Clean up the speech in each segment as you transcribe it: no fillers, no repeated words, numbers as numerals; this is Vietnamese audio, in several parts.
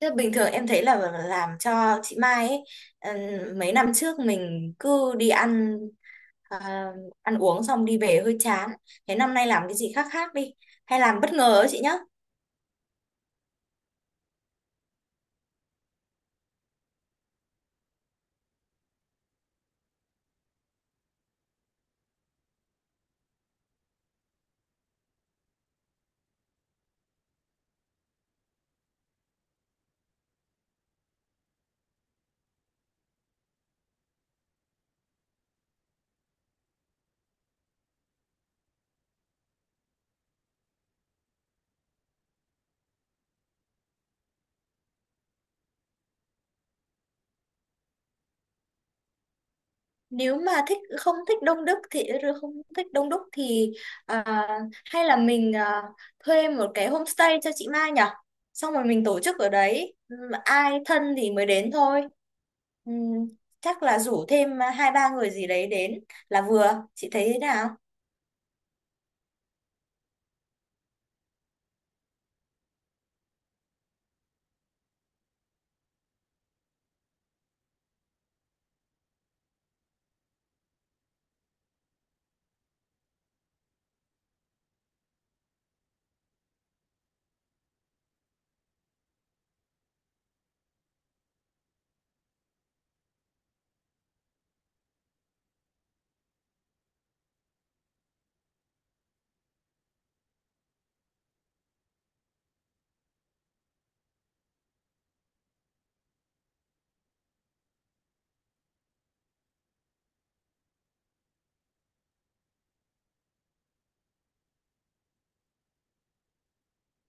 Thế bình thường em thấy là làm cho chị Mai ấy, mấy năm trước mình cứ đi ăn ờ, ăn uống xong đi về hơi chán. Thế năm nay làm cái gì khác khác đi, hay làm bất ngờ ấy chị nhá. Nếu mà thích không thích đông đúc thì không thích đông đúc thì, ờ, hay là mình thuê một cái homestay cho chị Mai nhở? Xong rồi mình tổ chức ở đấy. Ai thân thì mới đến thôi. Ừm, Chắc là rủ thêm hai ba người gì đấy đến là vừa. Chị thấy thế nào?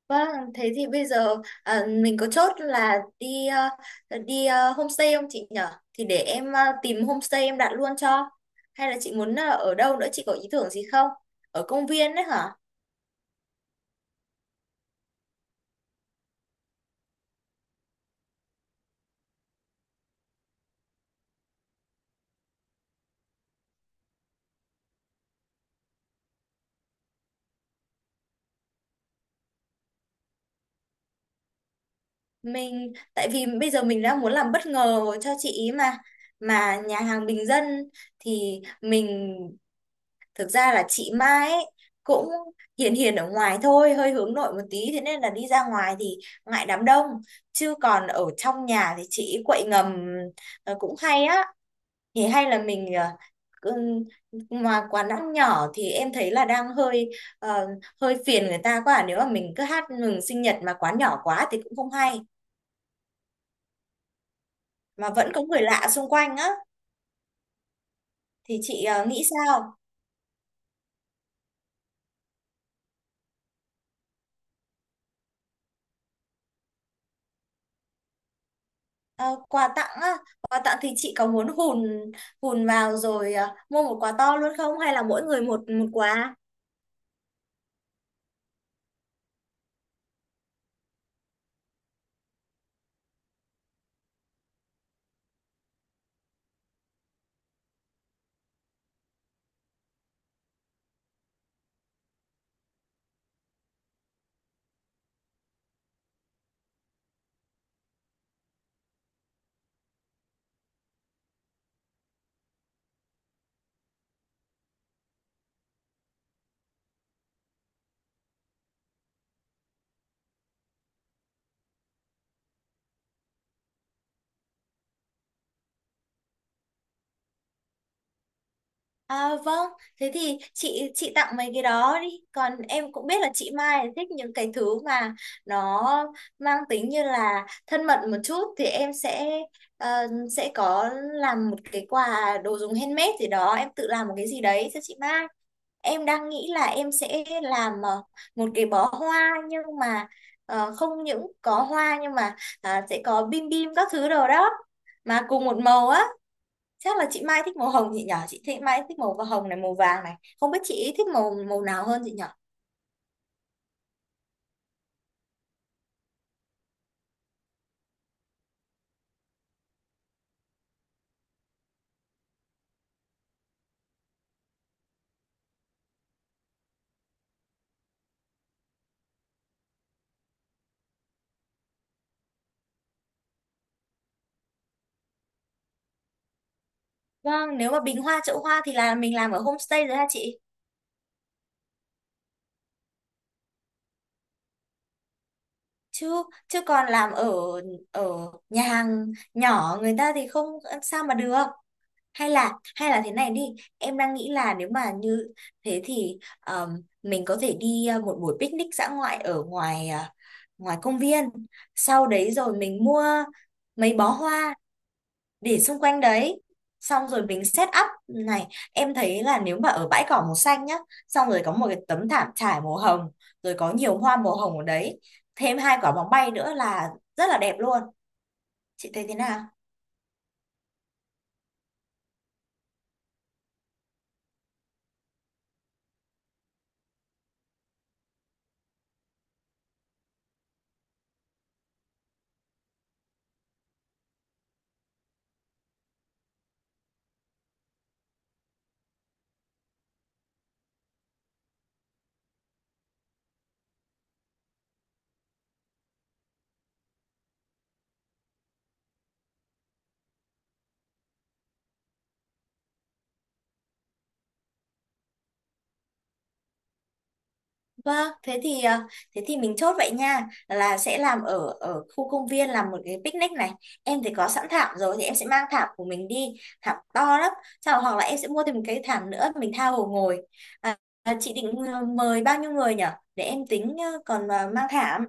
Vâng, thế thì bây giờ mình có chốt là đi homestay không chị nhở? Thì để em tìm homestay em đặt luôn cho. Hay là chị muốn ở đâu nữa, chị có ý tưởng gì không? Ở công viên đấy hả? Mình tại vì bây giờ mình đã muốn làm bất ngờ cho chị ý mà nhà hàng bình dân thì mình— thực ra là chị Mai ấy, cũng hiền hiền ở ngoài thôi, hơi hướng nội một tí, thế nên là đi ra ngoài thì ngại đám đông, chứ còn ở trong nhà thì chị quậy ngầm, cũng hay á. Thì hay là mình cứ- mà quán ăn nhỏ thì em thấy là đang ờ, hơi phiền người ta quá. À. Nếu mà mình cứ hát mừng sinh nhật mà quán nhỏ quá thì cũng không hay, mà vẫn có người lạ xung quanh á, thì chị nghĩ sao? Ờ, quà tặng á, quà tặng thì chị có muốn hùn hùn vào rồi, mua một quà to luôn, không hay là mỗi người một một quà? À, vâng, thế thì chị tặng mấy cái đó đi. Còn em cũng biết là chị Mai thích những cái thứ mà nó mang tính như là thân mật một chút, thì em sẽ ờ, sẽ có làm một cái quà đồ dùng handmade gì đó, em tự làm một cái gì đấy cho chị Mai. Em đang nghĩ là em sẽ làm một cái bó hoa, nhưng mà không những có hoa nhưng mà, sẽ có bim bim các thứ đồ đó mà cùng một màu á. Chắc là chị Mai thích màu hồng chị nhỏ, chị thích Mai thích màu và hồng này, màu vàng này, không biết chị thích màu màu nào hơn chị nhỏ. Vâng, nếu mà bình hoa chậu hoa thì là mình làm ở homestay rồi ha chị, chứ chứ còn làm ở ở nhà hàng nhỏ người ta thì không sao mà được. Hay là thế này đi, em đang nghĩ là nếu mà như thế thì, um, mình có thể đi một buổi picnic dã ngoại ở ngoài, ngoài công viên, sau đấy rồi mình mua mấy bó hoa để xung quanh đấy, xong rồi mình set up này. Em thấy là nếu mà ở bãi cỏ màu xanh nhá, xong rồi có một cái tấm thảm trải màu hồng, rồi có nhiều hoa màu hồng ở đấy, thêm hai quả bóng bay nữa là rất là đẹp luôn. Chị thấy thế nào? Vâng, thế thì thế thì mình chốt vậy nha, là sẽ làm ở ở khu công viên, làm một cái picnic này. Em thì có sẵn thảm rồi thì em sẽ mang thảm của mình đi, thảm to lắm, sau hoặc là em sẽ mua thêm một cái thảm nữa mình tha hồ ngồi. à, chị định mời bao nhiêu người nhở, để em tính còn mang thảm.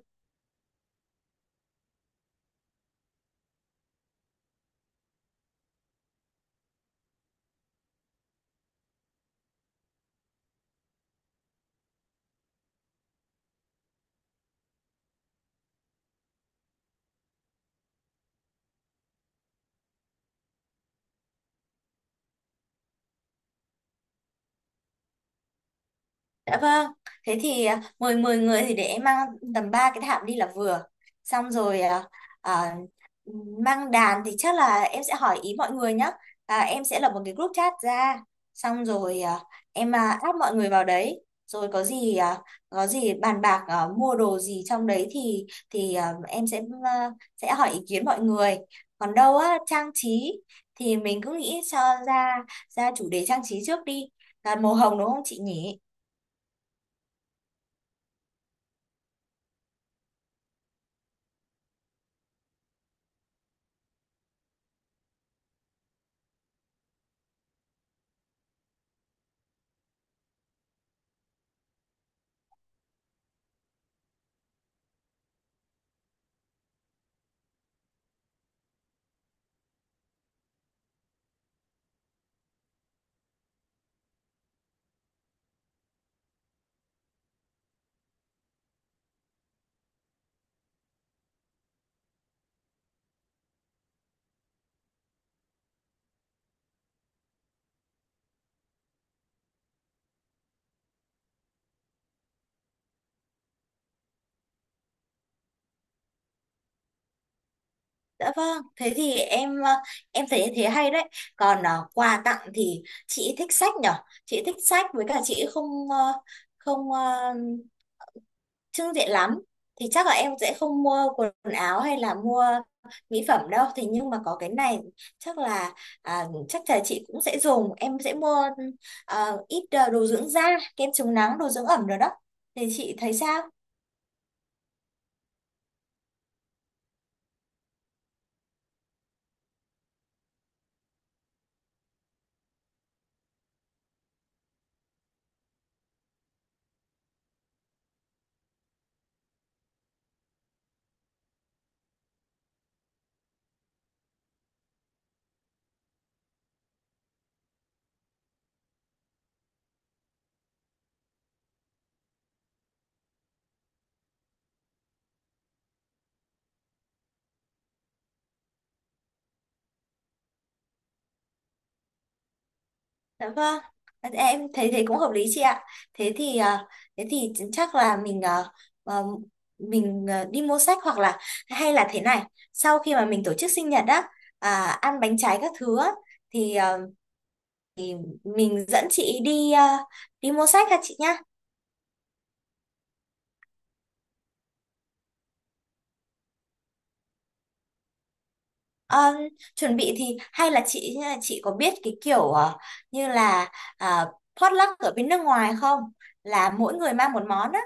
Dạ vâng, thế thì mời 10 người thì để em mang tầm 3 cái thảm đi là vừa. Xong rồi, à, mang đàn thì chắc là em sẽ hỏi ý mọi người nhé. À, em sẽ lập một cái group chat ra. Xong rồi em add mọi người vào đấy. Rồi có gì có gì bàn bạc mua đồ gì trong đấy thì thì em sẽ sẽ hỏi ý kiến mọi người. Còn đâu á, trang trí thì mình cứ nghĩ cho ra ra chủ đề trang trí trước đi. Là màu hồng đúng không chị nhỉ? Dạ vâng, thế thì em thấy thế hay đấy. Còn ờ, quà tặng thì chị thích sách nhở? Chị thích sách với cả chị không trưng diện lắm. Thì chắc là em sẽ không mua quần áo hay là mua mỹ phẩm đâu. Thì nhưng mà có cái này chắc là, chắc là chị cũng sẽ dùng. Em sẽ mua ít đồ dưỡng da, kem chống nắng, đồ dưỡng ẩm rồi đó. Thì chị thấy sao? Dạ vâng, em thấy thế cũng hợp lý chị ạ. Thế thì thế thì chắc là à, mình đi mua sách, hoặc là hay là thế này, sau khi mà mình tổ chức sinh nhật á, ăn bánh trái các thứ á, thì mình dẫn chị đi, đi mua sách ha chị nhá. Ờ, chuẩn bị thì hay là chị có biết cái kiểu như là, à, potluck ở bên nước ngoài không? Là mỗi người mang một món á.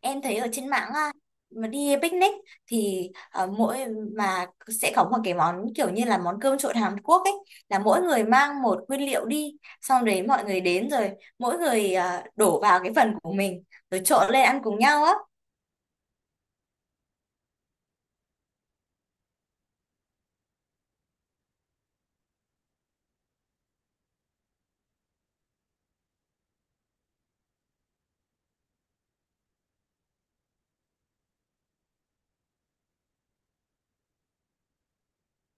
Em thấy ở trên mạng á, mà đi picnic thì ờ, mỗi mà sẽ có một cái món kiểu như là món cơm trộn Hàn Quốc ấy, là mỗi người mang một nguyên liệu đi, xong đấy mọi người đến rồi mỗi người đổ vào cái phần của mình rồi trộn lên ăn cùng nhau á.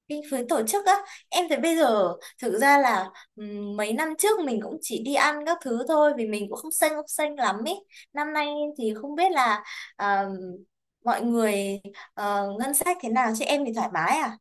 Cái phía tổ chức á, em thấy bây giờ thực ra là mấy năm trước mình cũng chỉ đi ăn các thứ thôi vì mình cũng không xanh lắm ấy. Năm nay thì không biết là ờ, mọi người ngân sách thế nào, chứ em thì thoải mái à.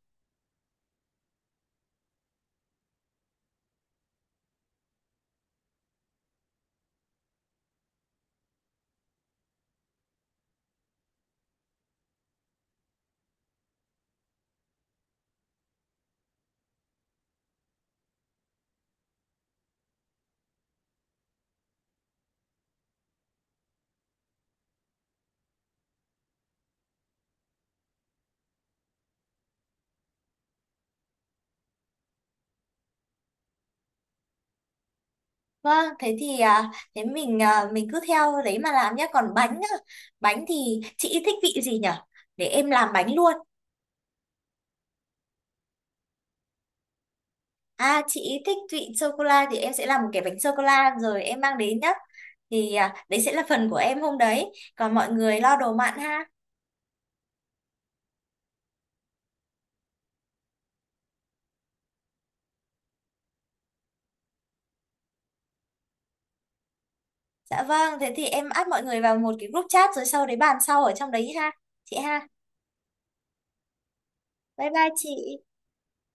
Vâng, thế thì thế mình cứ theo đấy mà làm nhé. Còn bánh á, bánh thì chị thích vị gì nhở? Để em làm bánh luôn. À, chị thích vị sô cô la thì em sẽ làm một cái bánh sô cô la rồi em mang đến nhá. Thì à, đấy sẽ là phần của em hôm đấy. Còn mọi người lo đồ mặn ha. Dạ vâng, thế thì em add mọi người vào một cái group chat rồi sau đấy bàn sau ở trong đấy ha chị ha. Bye bye chị.